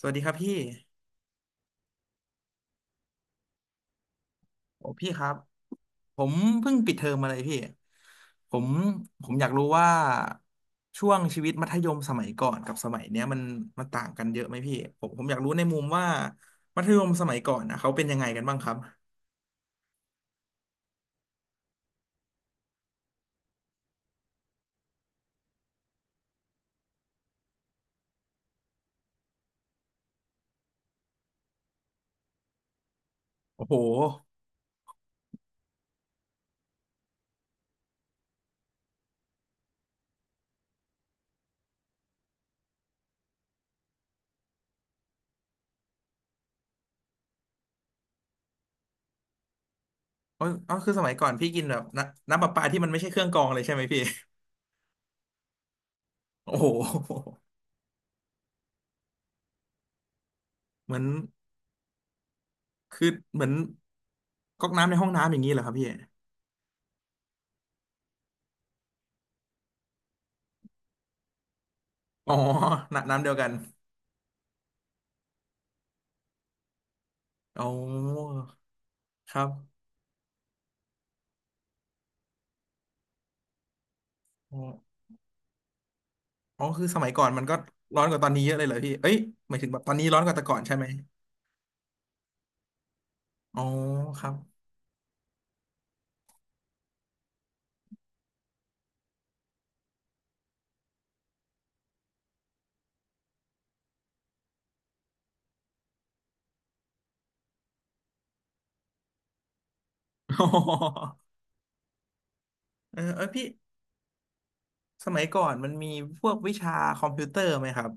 สวัสดีครับพี่โอ้พี่ครับ ผมเพิ่งปิดเทอมมาเลยพี่ผมผมอยากรู้ว่าช่วงชีวิตมัธยมสมัยก่อนกับสมัยเนี้ยมันต่างกันเยอะไหมพี่ ผมอยากรู้ในมุมว่ามัธยมสมัยก่อนนะเขาเป็นยังไงกันบ้างครับโอ้โหเอาเอาคือสมัยก่อนพี่กินแบบนำน้ำประปาที่มันไม่ใช่เครื่องกรองเลยใช่ไหมพี่โอ้โหเหมือนคือเหมือนก๊อกน้ำในห้องน้ำอย่างนี้เหรอครับพี่อ๋อน้ำน้ำเดียวกันอ๋อครับ อ๋อคือสมัยก่อนมันก็ร้อนกว่าตอนนี้เยอะเลยเหรอพี่เอ้ยหมายถึงแบบตอนนี้ร้อนกว่าแต่ก่อนใช่ไหมอ๋อครับ เออเออพี่สมัยก่อนมันมีพวกวิชาคอมพิวเตอร์ไหมครับ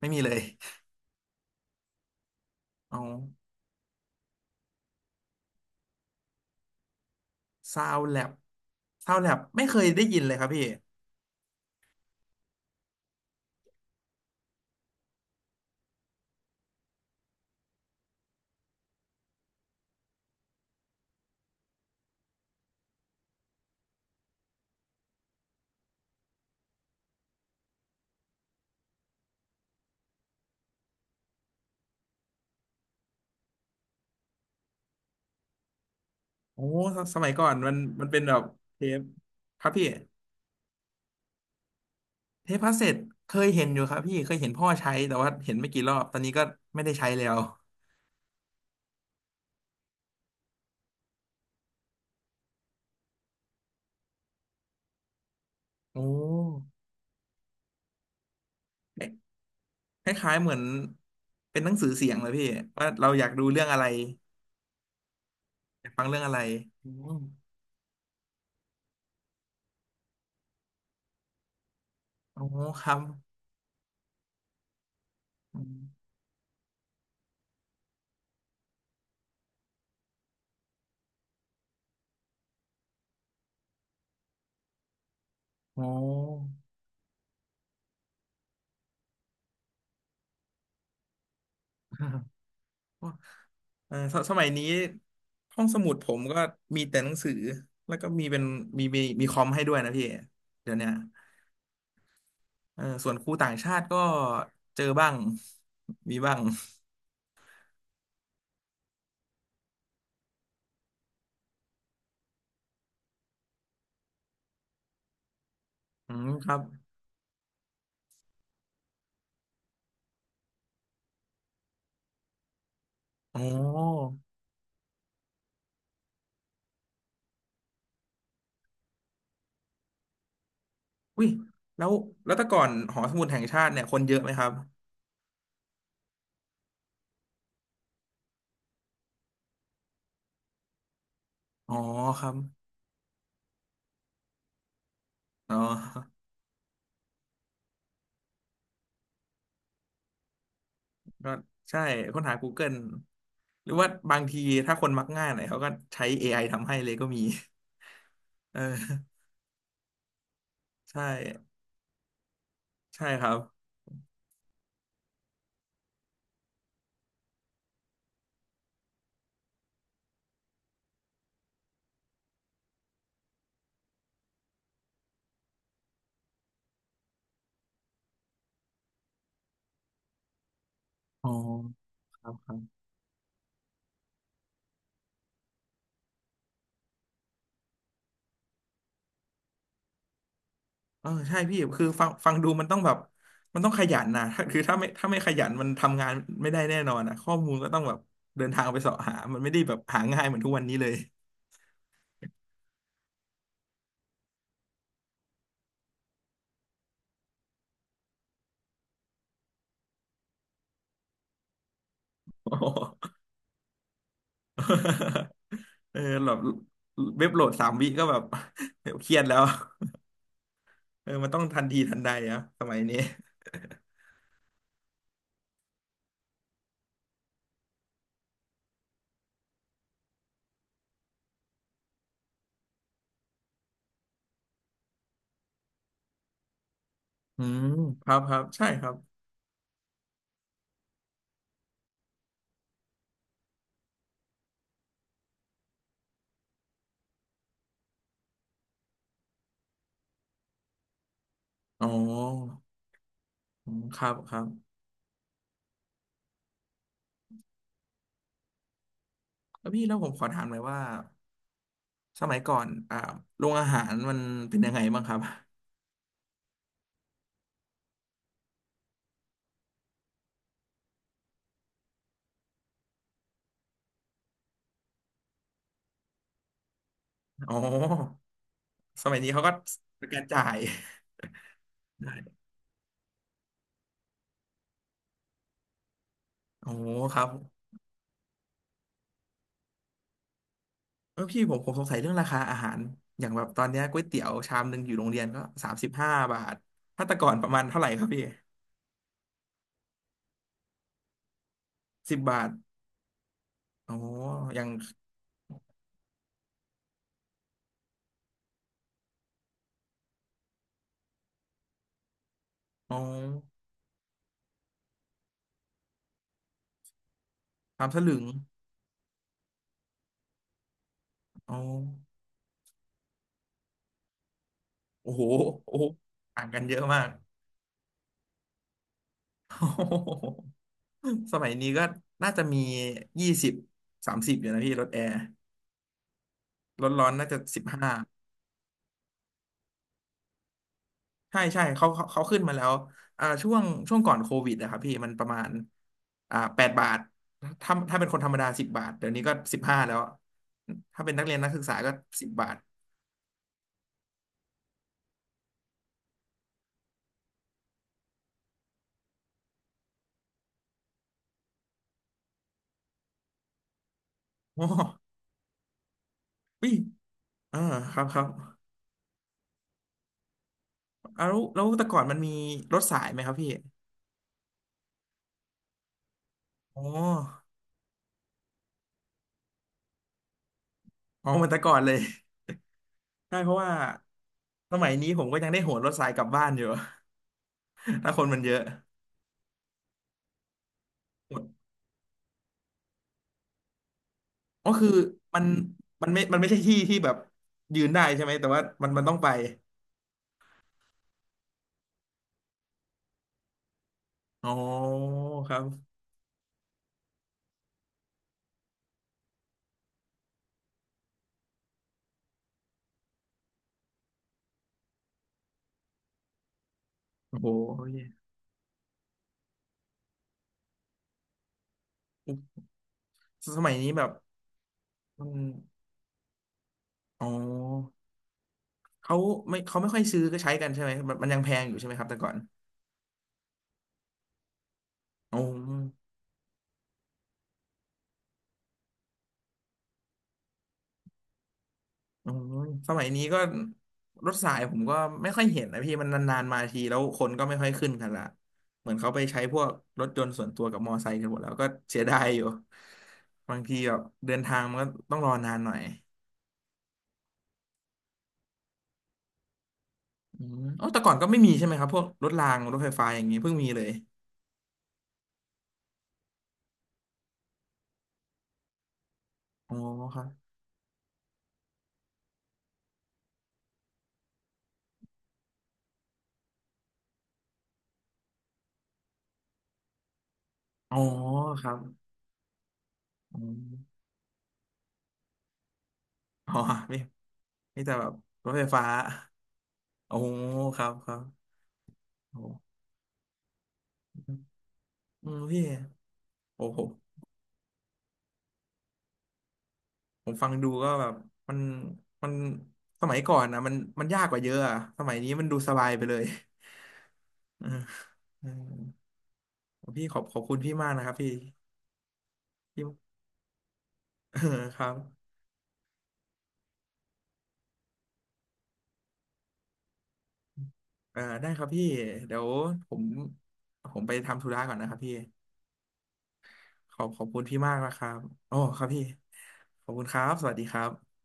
ไม่มีเลยอ๋อซาวแล็บซาวแล็บไม่เคยได้ยินเลยครับพี่โอ้สสมัยก่อนมันเป็นแบบเทปครับพี่เทปคาสเซ็ตเคยเห็นอยู่ครับพี่เคยเห็นพ่อใช้แต่ว่าเห็นไม่กี่รอบตอนนี้ก็ไม่ได้ใช้แล้วโอ้ คล้ายๆเหมือนเป็นหนังสือเสียงเลยพี่ว่าเราอยากดูเรื่องอะไรอยากฟังเรื่องอะไรอืมอ๋อครับอมอ๋อ เออสสมัยนี้ห้องสมุดผมก็มีแต่หนังสือแล้วก็มีเป็นมีคอมให้ด้วยนะพี่เดี๋ยวเนี้ยเออส่วนครูต่างชาติก็เจอบ้างมีบ้างอืมครับอ๋ออุ้ยแล้วแล้วแต่ก่อนหอสมุดแห่งชาติเนี่ยคนเยอะไหมครับอ๋อครับอ๋อ ก็ใช่ค้นหา Google หรือว่าบางทีถ้าคนมักง่ายหน่อยเขาก็ใช้ AI ทำให้เลยก็มีเออใช่ใช่ครับอ๋อครับครับเออใช่พี่คือฟังดูมันต้องแบบมันต้องขยันนะถ้าไม่ขยันมันทำงานไม่ได้แน่นอนอ่ะข้อมูลก็ต้องแบบเดินทางไปเสาะหามันไม่ได้แบบหาง่ายเหมือนทุกวันนี้เลย โอ้โหเออแบบเว็บโหลดสามวิก็แบบ เครียดแล้วเออมันต้องทันทีทันใดอะสมัยนี้ อืมครับครับใช่ครับอ๋ออืมครับครับแล้วพี่แล้วผมขอถามหน่อยว่าสมัยก่อนอ่าโรงอาหารมันเป็นยังไงบ้างครับอ๋อสมัยนี้เขาก็เป็นการจ่าย ได้โอ้ครับเออพี่ผมสงสัยเรื่องราคาอาหารอย่างแบบตอนเนี้ยก๋วยเตี๋ยวชามหนึ่งอยู่โรงเรียนก็สามสิบห้าบาทถ้าแต่ก่อนประมาณเท่าไหร่ครับพี่สิบบาทโออย่างอ๋อชามสลึงอ๋อโอ้โหโอ้โหต่างกันเยอะมาก โอ้โห สมัยนี้ก็น่าจะมียี่สิบสามสิบอยู่นะพี่รถแอร์รถร้อนน่าจะสิบห้าใช่ใช่เขาขึ้นมาแล้วอ่าช่วงช่วงก่อนโควิดอะครับพี่มันประมาณอ่าแปดบาทถ้าเป็นคนธรรมดาสิบบาทเดี๋ยวนี้ก็สิบห้าแล้วถ้าเป็นนักเรียนนักศึกษาก็สิบบาทโอ้พี่อ่าครับครับเอาแล้วแล้วแต่ก่อนมันมีรถสายไหมครับพี่อ๋ออ๋อเหมือนแต่ก่อนเลยใช่เพราะว่าสมัยนี้ผมก็ยังได้โหนรถสายกลับบ้านอยู่ ถ้าคนมันเยอะ ก็คือมันมันไม่ใช่ที่ที่แบบยืนได้ใช่ไหม แต่ว่ามันมันต้องไปอ๋อครับโอ้โหสมัยนี้แบบมันอ๋อเขาไม่เขาไม่ค่อยซื้อก็ใช้กันใช่ไหม มันมันยังแพงอยู่ใช่ไหมครับแต่ก่อนอ๋อ อ๋อสมัยนี้ก็รถสายผมก็ไม่ค่อยเห็นนะพี่มันนานๆมาทีแล้วคนก็ไม่ค่อยขึ้นกันละเหมือนเขาไปใช้พวกรถยนต์ส่วนตัวกับมอไซค์กันหมดแล้วก็เสียดายอยู่บางทีแบบเดินทางมันก็ต้องรอนานหน่อยอืมอ๋อแต่ก่อนก็ไม่มีใช่ไหมครับพวกรถรางรถไฟฟ้าอย่างนี้เพิ่งมีเลยอ๋อครับอ๋อครับอมอ๋อไม่ไม่แต่แบบรถไฟฟ้าโอ้ครับครับโอ้อืมพี่โอ้โห ผมฟังดูก็แบบมันมันสมัยก่อนนะมันยากกว่าเยอะอะสมัยนี้มันดูสบายไปเลย เออเออพี่ขอบขอบคุณพี่มากนะครับพี่พี่ เออครับเออได้ครับพี่เดี๋ยวผมผมไปทำธุระก่อนนะครับพี่ขอบขอบคุณพี่มากนะครับโอ้ครับพี่ขอบคุณครับสวัสดีครับ